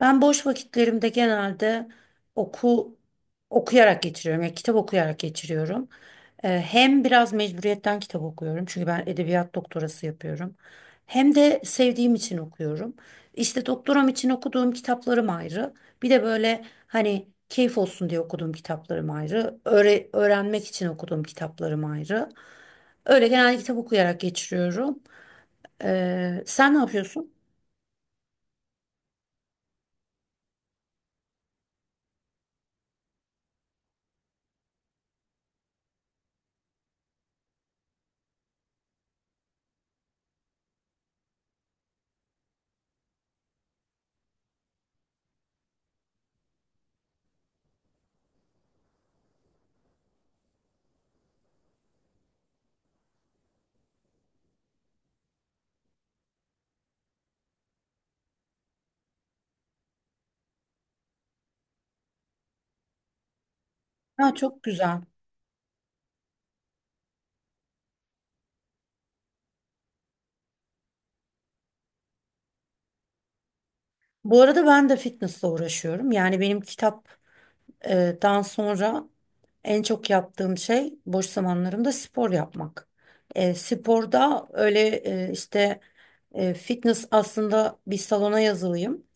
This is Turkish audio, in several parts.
Ben boş vakitlerimde genelde oku okuyarak geçiriyorum. Yani kitap okuyarak geçiriyorum. Hem biraz mecburiyetten kitap okuyorum. Çünkü ben edebiyat doktorası yapıyorum. Hem de sevdiğim için okuyorum. İşte doktoram için okuduğum kitaplarım ayrı. Bir de böyle hani keyif olsun diye okuduğum kitaplarım ayrı. Öğrenmek için okuduğum kitaplarım ayrı. Öyle genelde kitap okuyarak geçiriyorum. Sen ne yapıyorsun? Ha, çok güzel. Bu arada ben de fitnessle uğraşıyorum. Yani benim kitaptan sonra en çok yaptığım şey boş zamanlarımda spor yapmak. Sporda öyle işte fitness aslında bir salona yazılıyım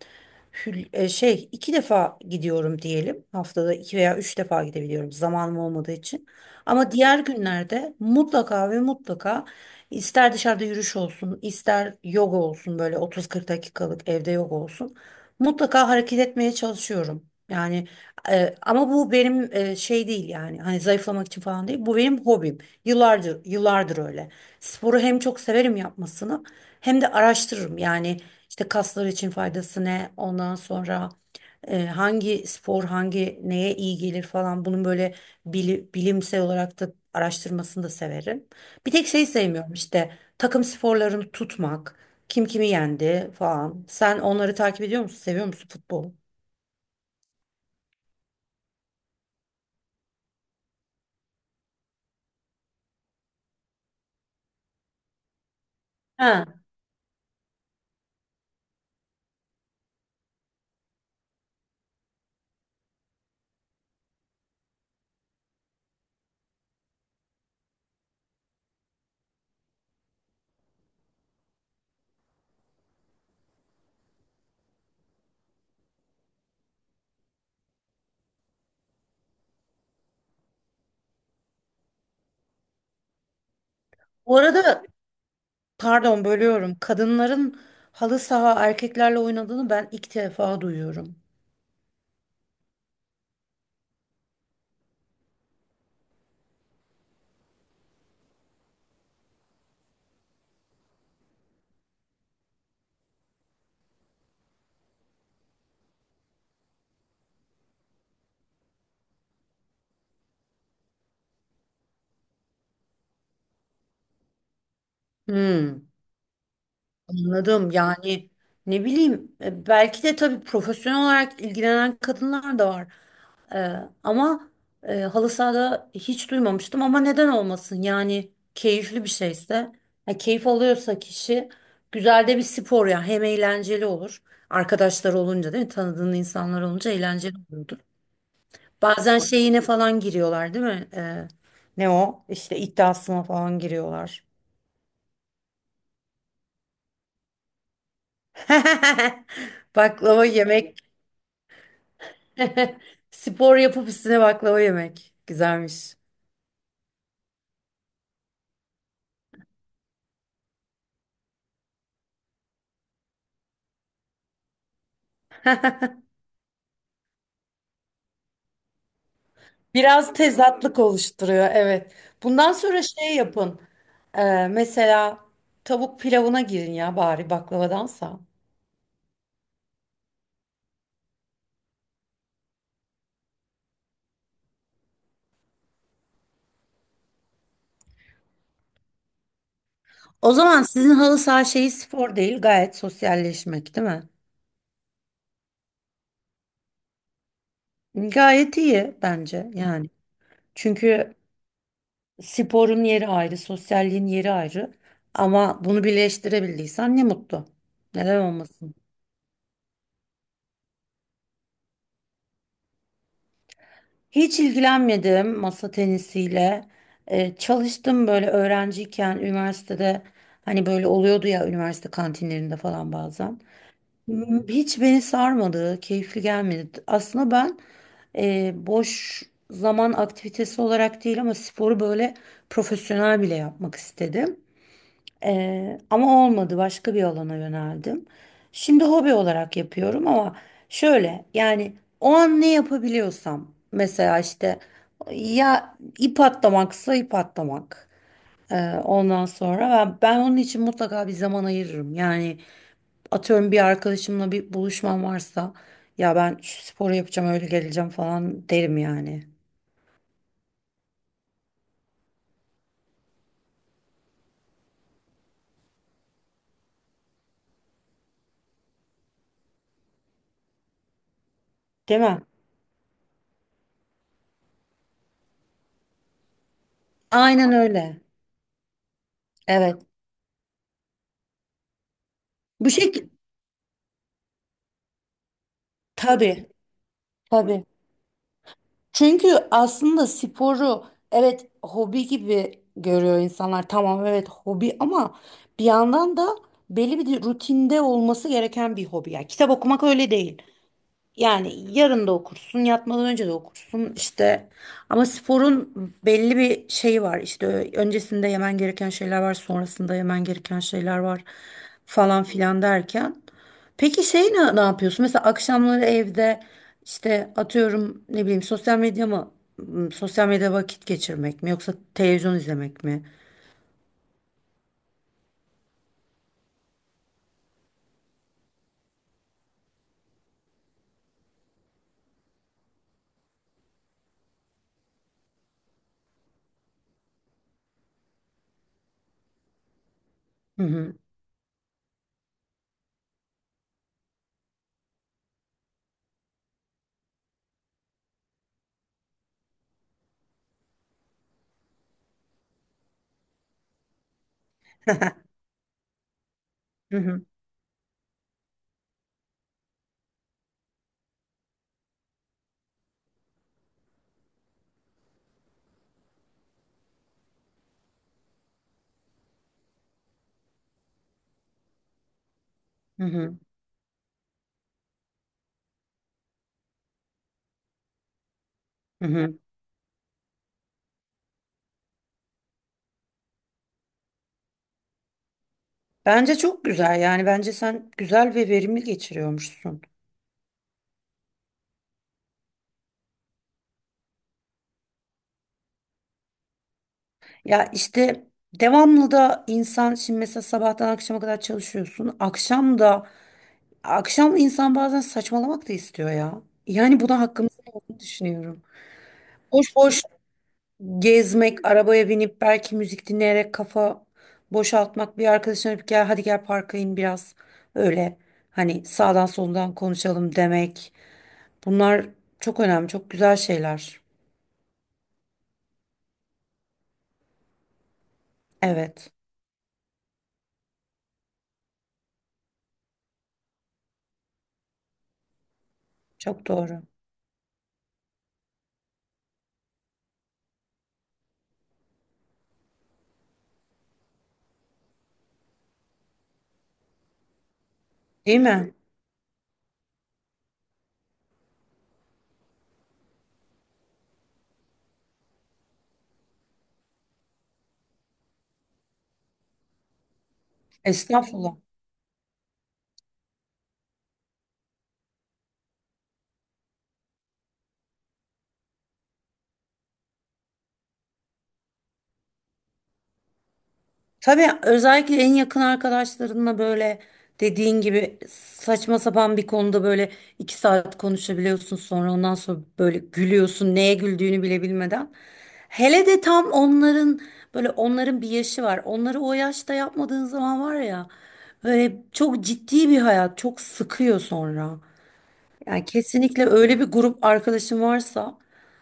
şey iki defa gidiyorum diyelim. Haftada iki veya üç defa gidebiliyorum zamanım olmadığı için. Ama diğer günlerde mutlaka ve mutlaka ister dışarıda yürüyüş olsun, ister yoga olsun böyle 30-40 dakikalık evde yoga olsun. Mutlaka hareket etmeye çalışıyorum. Yani ama bu benim şey değil yani hani zayıflamak için falan değil. Bu benim hobim. Yıllardır öyle. Sporu hem çok severim yapmasını hem de araştırırım. Yani işte kaslar için faydası ne? Ondan sonra hangi spor hangi neye iyi gelir falan bunun böyle bilimsel olarak da araştırmasını da severim. Bir tek şey sevmiyorum, işte takım sporlarını tutmak, kim kimi yendi falan. Sen onları takip ediyor musun? Seviyor musun futbolu? Ha, bu arada pardon bölüyorum. Kadınların halı saha erkeklerle oynadığını ben ilk defa duyuyorum. Hmm. Anladım. Yani ne bileyim belki de tabii profesyonel olarak ilgilenen kadınlar da var. E, Ama halı sahada hiç duymamıştım ama neden olmasın? Yani keyifli bir şeyse, ya keyif alıyorsa kişi, güzel de bir spor ya. Hem eğlenceli olur. Arkadaşlar olunca değil mi? Tanıdığın insanlar olunca eğlenceli oluyordur. Bazen şeyine falan giriyorlar değil mi? Ne o? İşte iddiasına falan giriyorlar. Baklava yemek. Spor yapıp üstüne baklava yemek. Güzelmiş. Biraz tezatlık oluşturuyor, evet. Bundan sonra şey yapın. Mesela tavuk pilavına girin ya bari baklavadansa. O zaman sizin halı saha şeyi spor değil, gayet sosyalleşmek, değil mi? Gayet iyi bence yani. Çünkü sporun yeri ayrı, sosyalliğin yeri ayrı. Ama bunu birleştirebildiysen ne mutlu. Neden olmasın? Hiç ilgilenmedim masa tenisiyle. Çalıştım böyle öğrenciyken üniversitede, hani böyle oluyordu ya üniversite kantinlerinde falan bazen. Hiç beni sarmadı, keyifli gelmedi. Aslında ben boş zaman aktivitesi olarak değil ama sporu böyle profesyonel bile yapmak istedim. Ama olmadı, başka bir alana yöneldim. Şimdi hobi olarak yapıyorum ama şöyle yani, o an ne yapabiliyorsam mesela işte ya ip atlamaksa ip atlamak. Ondan sonra ben onun için mutlaka bir zaman ayırırım. Yani atıyorum bir arkadaşımla bir buluşmam varsa, ya ben şu sporu yapacağım öyle geleceğim falan derim yani. Değil mi? Aynen öyle. Evet. Bu şekilde tabii, tabii. Çünkü aslında sporu, evet, hobi gibi görüyor insanlar. Tamam, evet hobi ama bir yandan da belli bir rutinde olması gereken bir hobi. Yani kitap okumak öyle değil. Yani yarın da okursun, yatmadan önce de okursun işte. Ama sporun belli bir şeyi var. İşte öncesinde yemen gereken şeyler var, sonrasında yemen gereken şeyler var falan filan derken. Peki şey ne yapıyorsun? Mesela akşamları evde işte atıyorum ne bileyim, sosyal medya mı? Sosyal medyada vakit geçirmek mi yoksa televizyon izlemek mi? Hı hı. Hı hı. Hı hı. Hı hı. Bence çok güzel yani, bence sen güzel ve verimli geçiriyormuşsun. Ya işte devamlı da insan, şimdi mesela sabahtan akşama kadar çalışıyorsun. Akşam da, akşam insan bazen saçmalamak da istiyor ya. Yani buna hakkımız olduğunu düşünüyorum. Boş boş gezmek, arabaya binip belki müzik dinleyerek kafa boşaltmak, bir arkadaşına bir gel hadi gel parka in biraz, öyle hani sağdan soldan konuşalım demek. Bunlar çok önemli, çok güzel şeyler. Evet, çok doğru. Değil mi? Estağfurullah. Tabii özellikle en yakın arkadaşlarınla böyle, dediğin gibi saçma sapan bir konuda böyle iki saat konuşabiliyorsun, sonra ondan sonra böyle gülüyorsun neye güldüğünü bile bilmeden. Hele de tam onların böyle, onların bir yaşı var. Onları o yaşta yapmadığın zaman var ya, böyle çok ciddi bir hayat çok sıkıyor sonra. Yani kesinlikle öyle bir grup arkadaşın varsa,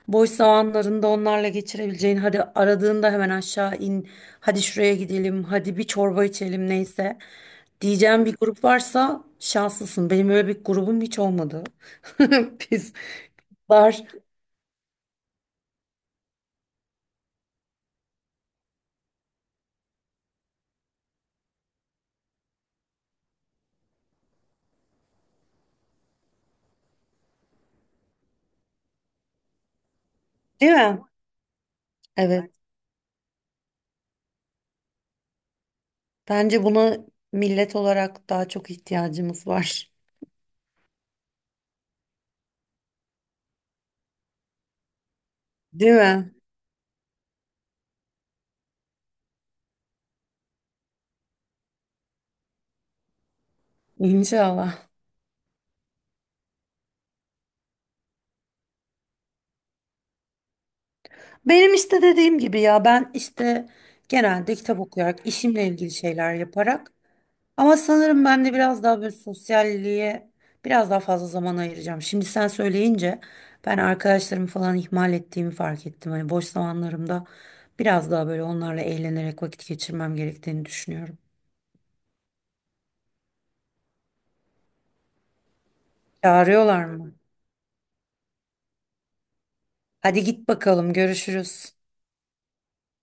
boş zamanlarında onlarla geçirebileceğin, hadi aradığında hemen aşağı in, hadi şuraya gidelim, hadi bir çorba içelim neyse diyeceğim bir grup varsa şanslısın. Benim öyle bir grubum hiç olmadı. Biz var değil mi? Evet, bence buna millet olarak daha çok ihtiyacımız var. Değil mi? İnşallah. Benim işte dediğim gibi ya, ben işte genelde kitap okuyarak, işimle ilgili şeyler yaparak. Ama sanırım ben de biraz daha böyle sosyalliğe biraz daha fazla zaman ayıracağım. Şimdi sen söyleyince ben arkadaşlarımı falan ihmal ettiğimi fark ettim. Hani boş zamanlarımda biraz daha böyle onlarla eğlenerek vakit geçirmem gerektiğini düşünüyorum. Çağırıyorlar mı? Hadi git bakalım, görüşürüz.